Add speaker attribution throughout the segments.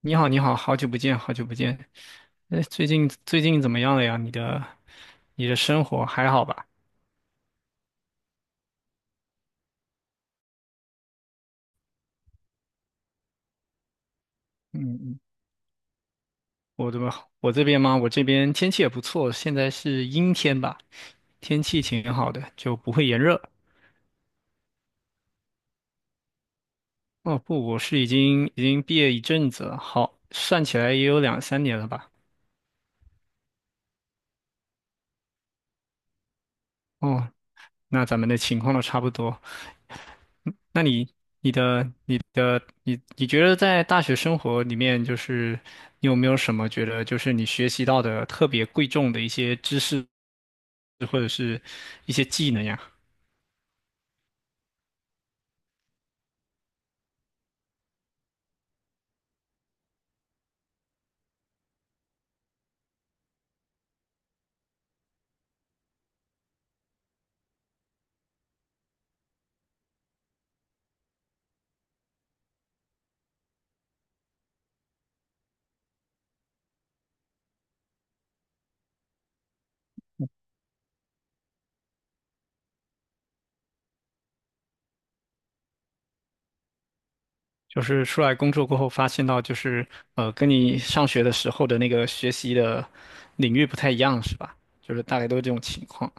Speaker 1: 你好，你好，好久不见，好久不见。哎，最近怎么样了呀？你的生活还好吧？嗯嗯，我这边我这边吗？我这边天气也不错，现在是阴天吧，天气挺好的，就不会炎热。哦不，我是已经毕业一阵子了，好，算起来也有两三年了吧。哦，那咱们的情况都差不多。那你、你的、你的、你，你觉得在大学生活里面，就是你有没有什么觉得，就是你学习到的特别贵重的一些知识或者是一些技能呀？就是出来工作过后发现到，就是跟你上学的时候的那个学习的领域不太一样，是吧？就是大概都是这种情况。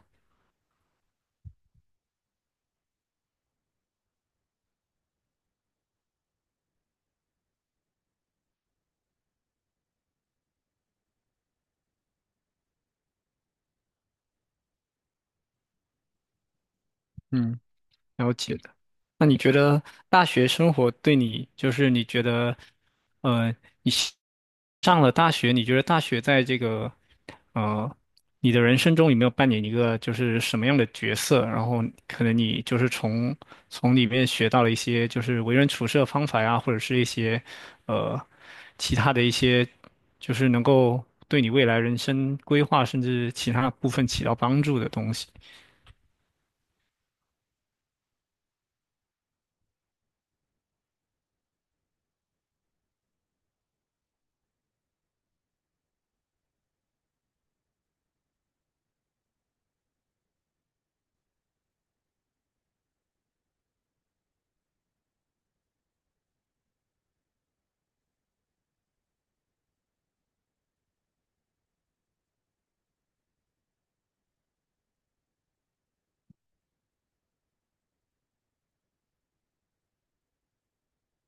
Speaker 1: 嗯。了解的。那你觉得大学生活对你，就是你觉得，呃，你西上了大学，你觉得大学在这个，呃，你的人生中有没有扮演一个就是什么样的角色？然后可能你就是从里面学到了一些就是为人处事的方法呀，或者是一些，呃，其他的一些，就是能够对你未来人生规划甚至其他部分起到帮助的东西。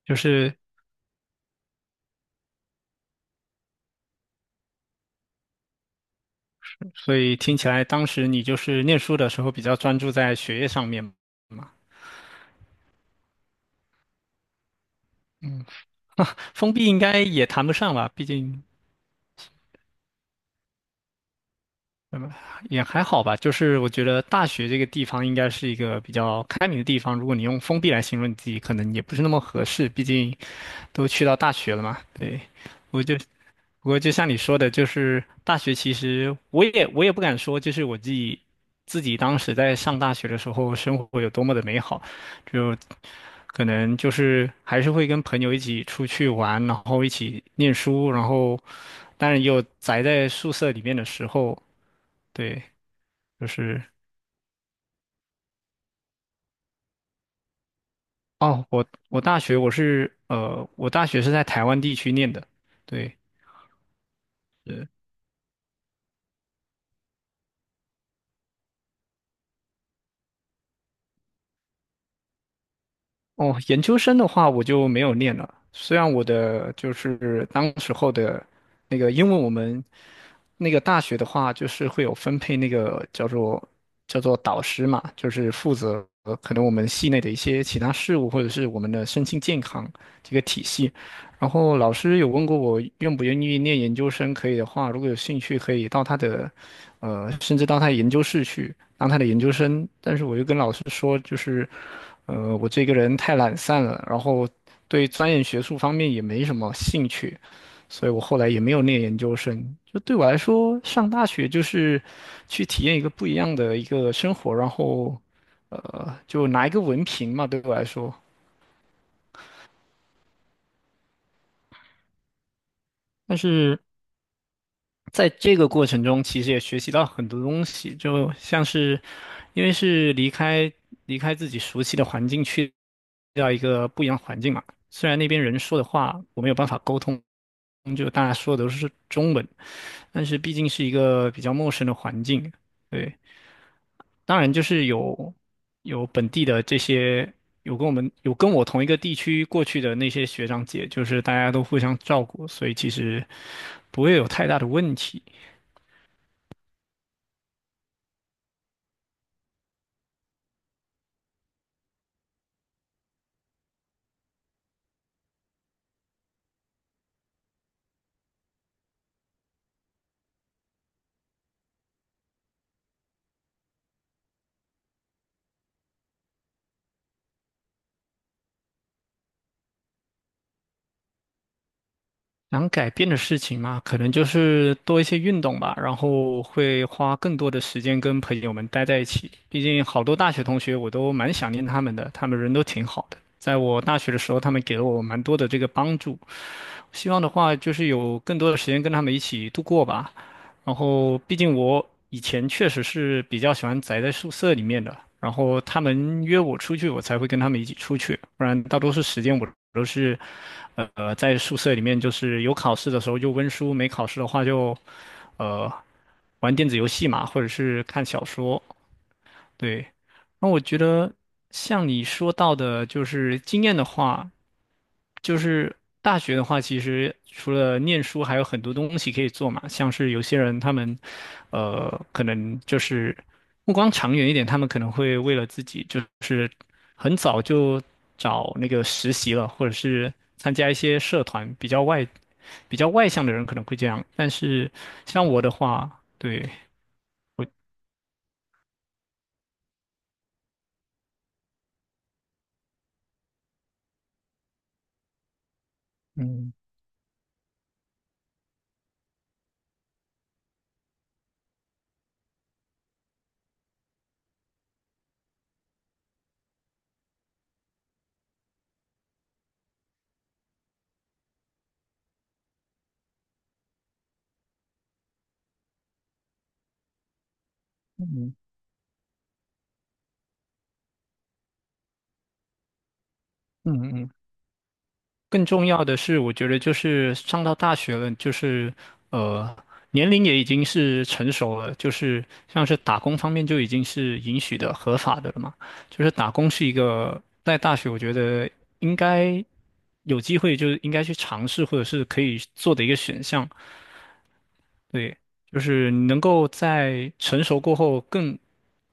Speaker 1: 就是所以听起来当时你就是念书的时候比较专注在学业上面嘛，嗯，封闭应该也谈不上吧，毕竟也还好吧。就是我觉得大学这个地方应该是一个比较开明的地方，如果你用封闭来形容你自己，可能也不是那么合适，毕竟都去到大学了嘛。对，我就不过就像你说的，就是大学其实我也不敢说，就是我自己当时在上大学的时候，生活有多么的美好，就可能就是还是会跟朋友一起出去玩，然后一起念书，然后当然也有宅在宿舍里面的时候，对，就是哦，我大学是在台湾地区念的，对。哦，研究生的话我就没有念了。虽然我的就是当时候的那个，因为我们那个大学的话，就是会有分配那个叫做导师嘛，就是负责可能我们系内的一些其他事务，或者是我们的身心健康这个体系。然后老师有问过我愿不愿意念研究生，可以的话，如果有兴趣，可以到他的甚至到他的研究室去当他的研究生。但是我就跟老师说，就是。呃，我这个人太懒散了，然后对钻研学术方面也没什么兴趣，所以我后来也没有念研究生。就对我来说，上大学就是去体验一个不一样的一个生活，然后就拿一个文凭嘛，对我来说。但是在这个过程中，其实也学习到很多东西，就像是因为是离开自己熟悉的环境去到一个不一样的环境嘛，虽然那边人说的话我没有办法沟通。嗯就大家说的都是中文，但是毕竟是一个比较陌生的环境，对，当然就是有本地的这些有跟我同一个地区过去的那些学长姐，就是大家都互相照顾，所以其实不会有太大的问题。能改变的事情嘛，可能就是多一些运动吧，然后会花更多的时间跟朋友们待在一起。毕竟好多大学同学我都蛮想念他们的，他们人都挺好的。在我大学的时候，他们给了我蛮多的这个帮助，希望的话就是有更多的时间跟他们一起度过吧。然后，毕竟我以前确实是比较喜欢宅在宿舍里面的，然后他们约我出去，我才会跟他们一起出去，不然大多数时间我都是，在宿舍里面，就是有考试的时候就温书，没考试的话就，呃，玩电子游戏嘛，或者是看小说。对，那我觉得像你说到的，就是经验的话，就是大学的话，其实除了念书，还有很多东西可以做嘛。像是有些人他们，可能就是目光长远一点，他们可能会为了自己，就是很早就找那个实习了，或者是参加一些社团。比较外向的人可能会这样，但是像我的话，对，我，嗯嗯嗯嗯嗯。更重要的是，我觉得就是上到大学了，就是呃，年龄也已经是成熟了，就是像是打工方面就已经是允许的、合法的了嘛。就是打工是一个在大学，我觉得应该有机会，就是应该去尝试或者是可以做的一个选项。对，就是你能够在成熟过后更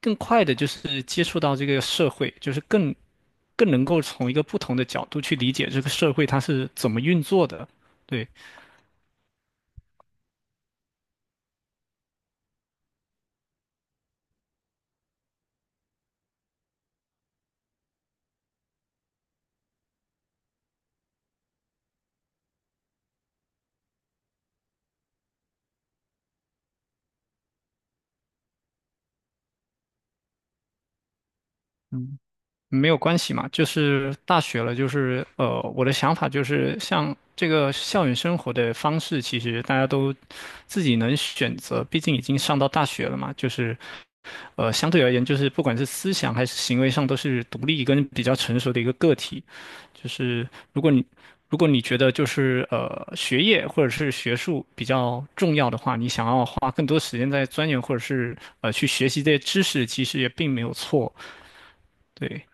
Speaker 1: 更快的，就是接触到这个社会，就是更能够从一个不同的角度去理解这个社会它是怎么运作的。对，嗯。没有关系嘛，就是大学了，就是我的想法就是，像这个校园生活的方式，其实大家都自己能选择，毕竟已经上到大学了嘛，就是相对而言，就是不管是思想还是行为上，都是独立跟比较成熟的一个个体。就是如果你如果你觉得就是呃学业或者是学术比较重要的话，你想要花更多时间在钻研或者是去学习这些知识，其实也并没有错，对。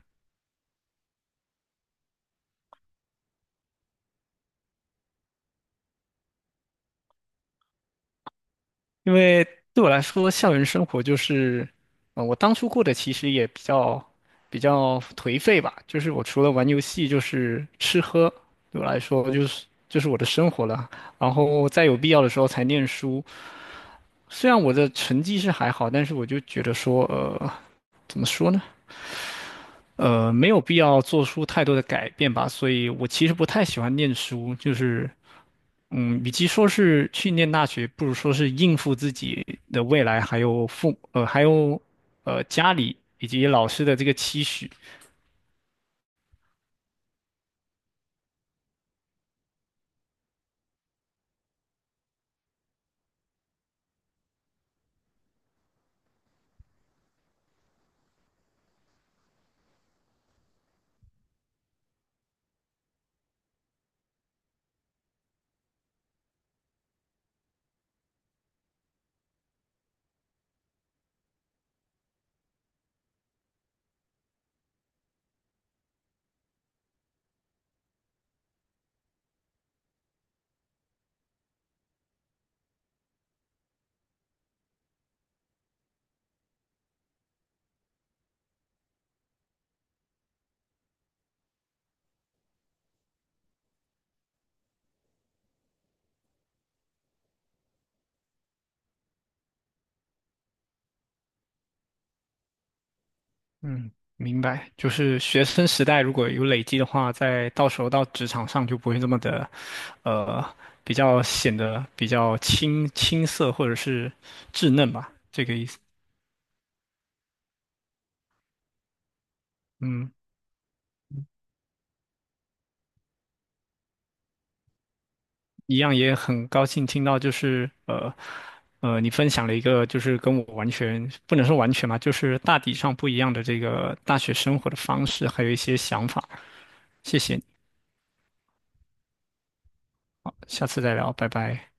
Speaker 1: 因为对我来说，校园生活就是，我当初过得其实也比较颓废吧，就是我除了玩游戏，就是吃喝，对我来说就是我的生活了。然后在有必要的时候才念书，虽然我的成绩是还好，但是我就觉得说，呃，怎么说呢？没有必要做出太多的改变吧，所以我其实不太喜欢念书，就是嗯，与其说是去念大学，不如说是应付自己的未来，还有还有家里以及老师的这个期许。嗯，明白。就是学生时代如果有累积的话，在到时候到职场上就不会这么的，呃，比较显得比较青涩或者是稚嫩吧，这个意思。嗯。一样也很高兴听到，就是你分享了一个就是跟我完全不能说完全吧，就是大体上不一样的这个大学生活的方式，还有一些想法。谢谢你下次再聊，拜拜。